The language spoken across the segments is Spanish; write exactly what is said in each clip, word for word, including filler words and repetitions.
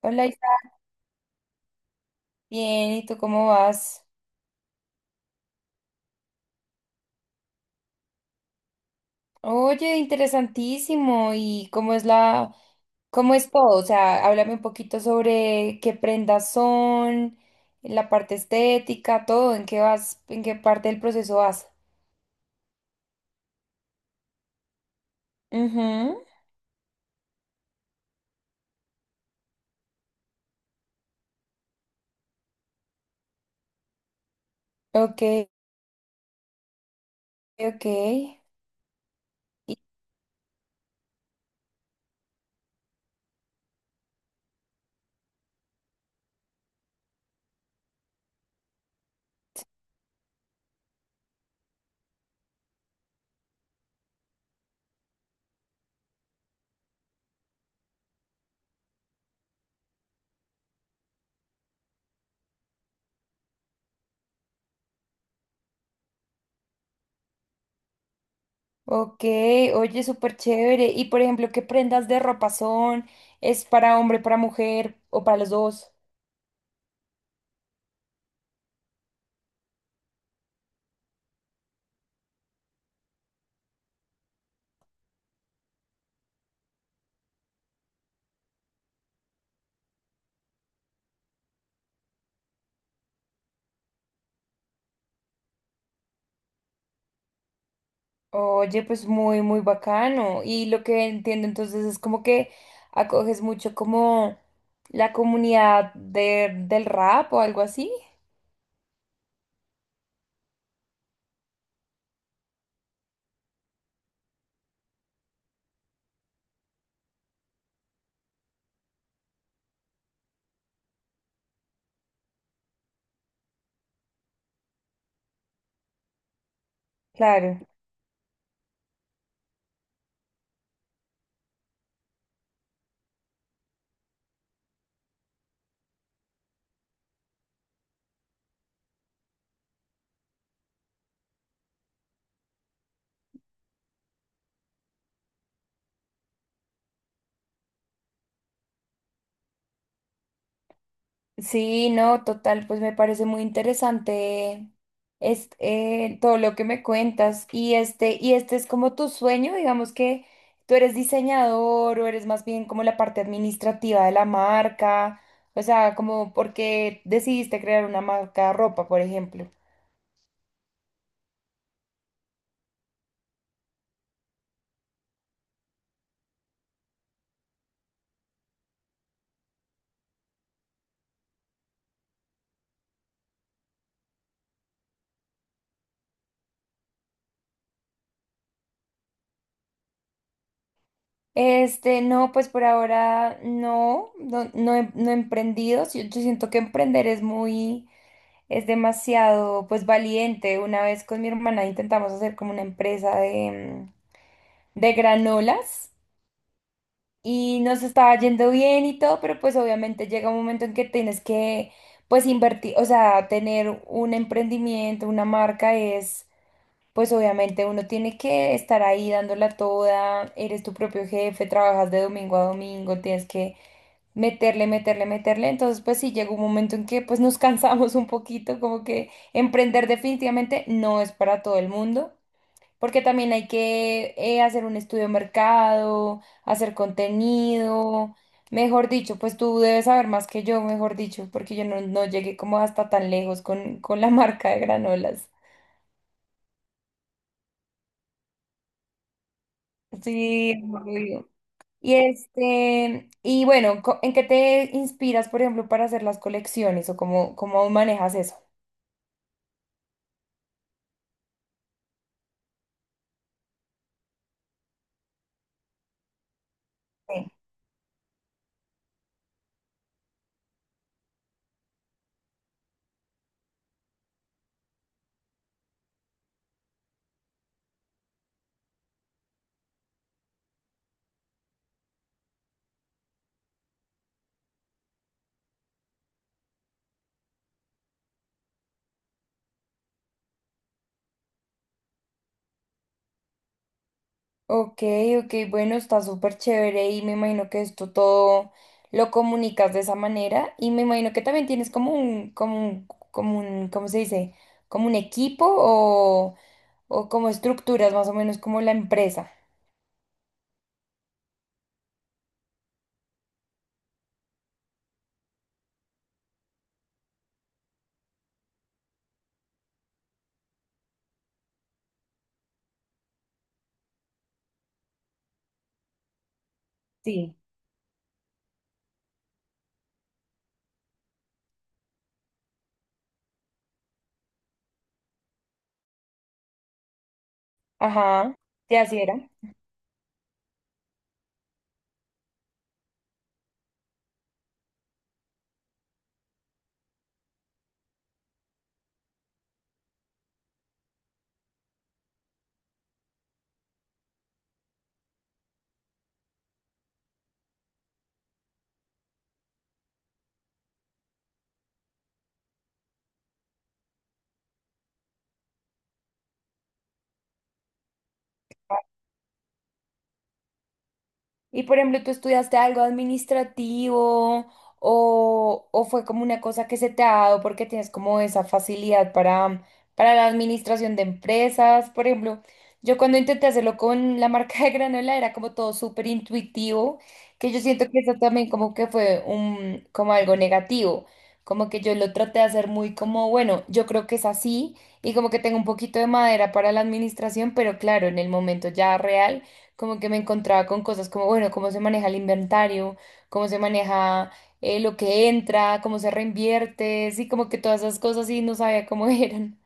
Hola, Isa. Bien, ¿y tú cómo vas? Oye, interesantísimo. ¿Y cómo es la, cómo es todo? O sea, háblame un poquito sobre qué prendas son, la parte estética, todo, en qué vas, en qué parte del proceso vas. Ujú. Ok, ok. y- Ok, oye, súper chévere. Y por ejemplo, ¿qué prendas de ropa son? ¿Es para hombre, para mujer o para los dos? Oye, pues muy, muy bacano. Y lo que entiendo entonces es como que acoges mucho como la comunidad de, del rap o algo así. Claro. Sí, no, total, pues me parece muy interesante este, eh, todo lo que me cuentas. Y este, y este es como tu sueño, digamos que tú eres diseñador o eres más bien como la parte administrativa de la marca. O sea, como porque decidiste crear una marca de ropa, por ejemplo. Este, no, pues por ahora no, no, no he, no he emprendido. Sí, yo siento que emprender es muy, es demasiado, pues valiente. Una vez con mi hermana intentamos hacer como una empresa de, mm, de granolas y nos estaba yendo bien y todo, pero pues obviamente llega un momento en que tienes que, pues invertir, o sea, tener un emprendimiento, una marca es pues obviamente uno tiene que estar ahí dándola toda, eres tu propio jefe, trabajas de domingo a domingo, tienes que meterle, meterle, meterle. Entonces, pues sí, llegó un momento en que pues nos cansamos un poquito, como que emprender definitivamente no es para todo el mundo, porque también hay que eh, hacer un estudio de mercado, hacer contenido, mejor dicho, pues tú debes saber más que yo, mejor dicho, porque yo no, no llegué como hasta tan lejos con, con la marca de granolas. Sí, y este, y bueno, co- ¿en qué te inspiras, por ejemplo, para hacer las colecciones o cómo, cómo manejas eso? Sí. Ok, ok, bueno, está súper chévere y me imagino que esto todo lo comunicas de esa manera y me imagino que también tienes como un, como un, como un, ¿cómo se dice? Como un equipo o, o como estructuras más o menos como la empresa. Sí. Ajá, sí, así era. Y por ejemplo, ¿tú estudiaste algo administrativo o, o fue como una cosa que se te ha dado porque tienes como esa facilidad para, para la administración de empresas? Por ejemplo, yo cuando intenté hacerlo con la marca de granola era como todo súper intuitivo, que yo siento que eso también como que fue un, como algo negativo, como que yo lo traté de hacer muy como, bueno, yo creo que es así y como que tengo un poquito de madera para la administración, pero claro, en el momento ya real como que me encontraba con cosas como, bueno, cómo se maneja el inventario, cómo se maneja eh, lo que entra, cómo se reinvierte, sí, como que todas esas cosas y no sabía cómo eran.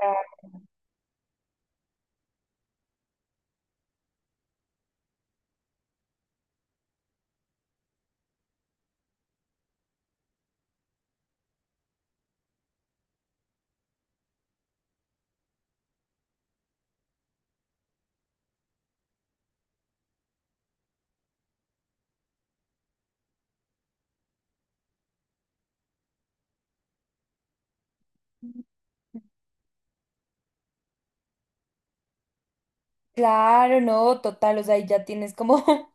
Ah. Claro, no, total, o sea, ahí ya tienes como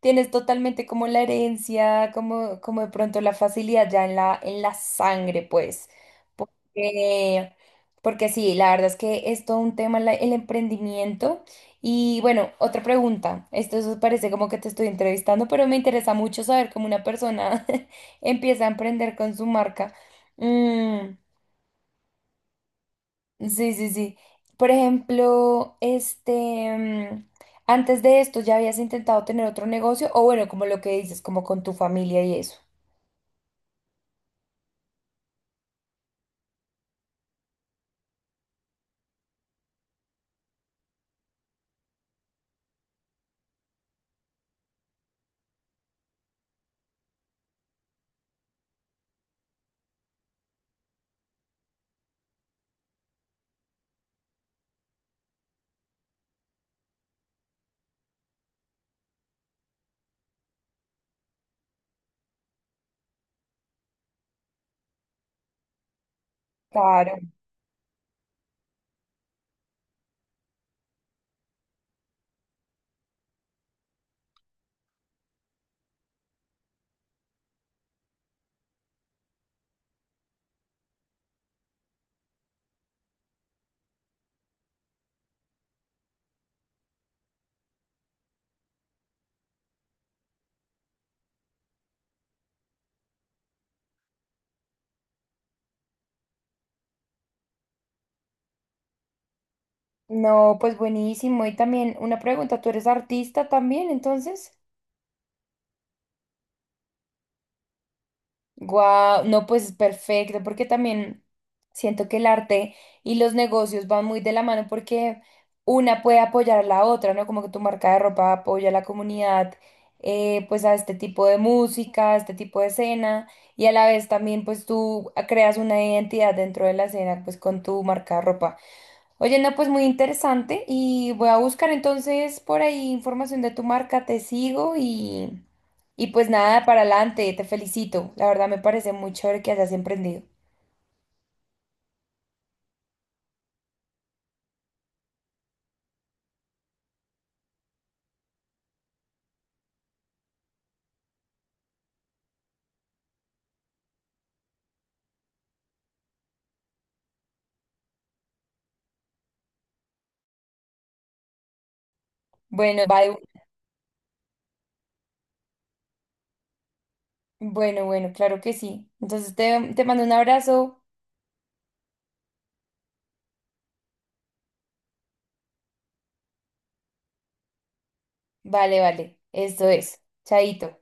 tienes totalmente como la herencia, como, como de pronto la facilidad ya en la, en la sangre, pues. Porque, porque sí, la verdad es que es todo un tema la- el emprendimiento. Y bueno, otra pregunta. Esto eso parece como que te estoy entrevistando, pero me interesa mucho saber cómo una persona empieza a emprender con su marca. Mm. Sí, sí, sí. Por ejemplo, este, mm, antes de esto ya habías intentado tener otro negocio, o bueno, como lo que dices, como con tu familia y eso. Claro. No, pues buenísimo. Y también una pregunta, ¿tú eres artista también, entonces? Guau, no, pues es perfecto, porque también siento que el arte y los negocios van muy de la mano porque una puede apoyar a la otra, ¿no? Como que tu marca de ropa apoya a la comunidad, eh, pues a este tipo de música, a este tipo de escena, y a la vez también pues tú creas una identidad dentro de la escena, pues con tu marca de ropa. Oye, no, pues muy interesante y voy a buscar entonces por ahí información de tu marca, te sigo y, y pues nada, para adelante, te felicito. La verdad me parece muy chévere que hayas emprendido. Bueno, bye. Bueno, bueno, claro que sí. Entonces te, te mando un abrazo. Vale, vale, esto es. Chaito.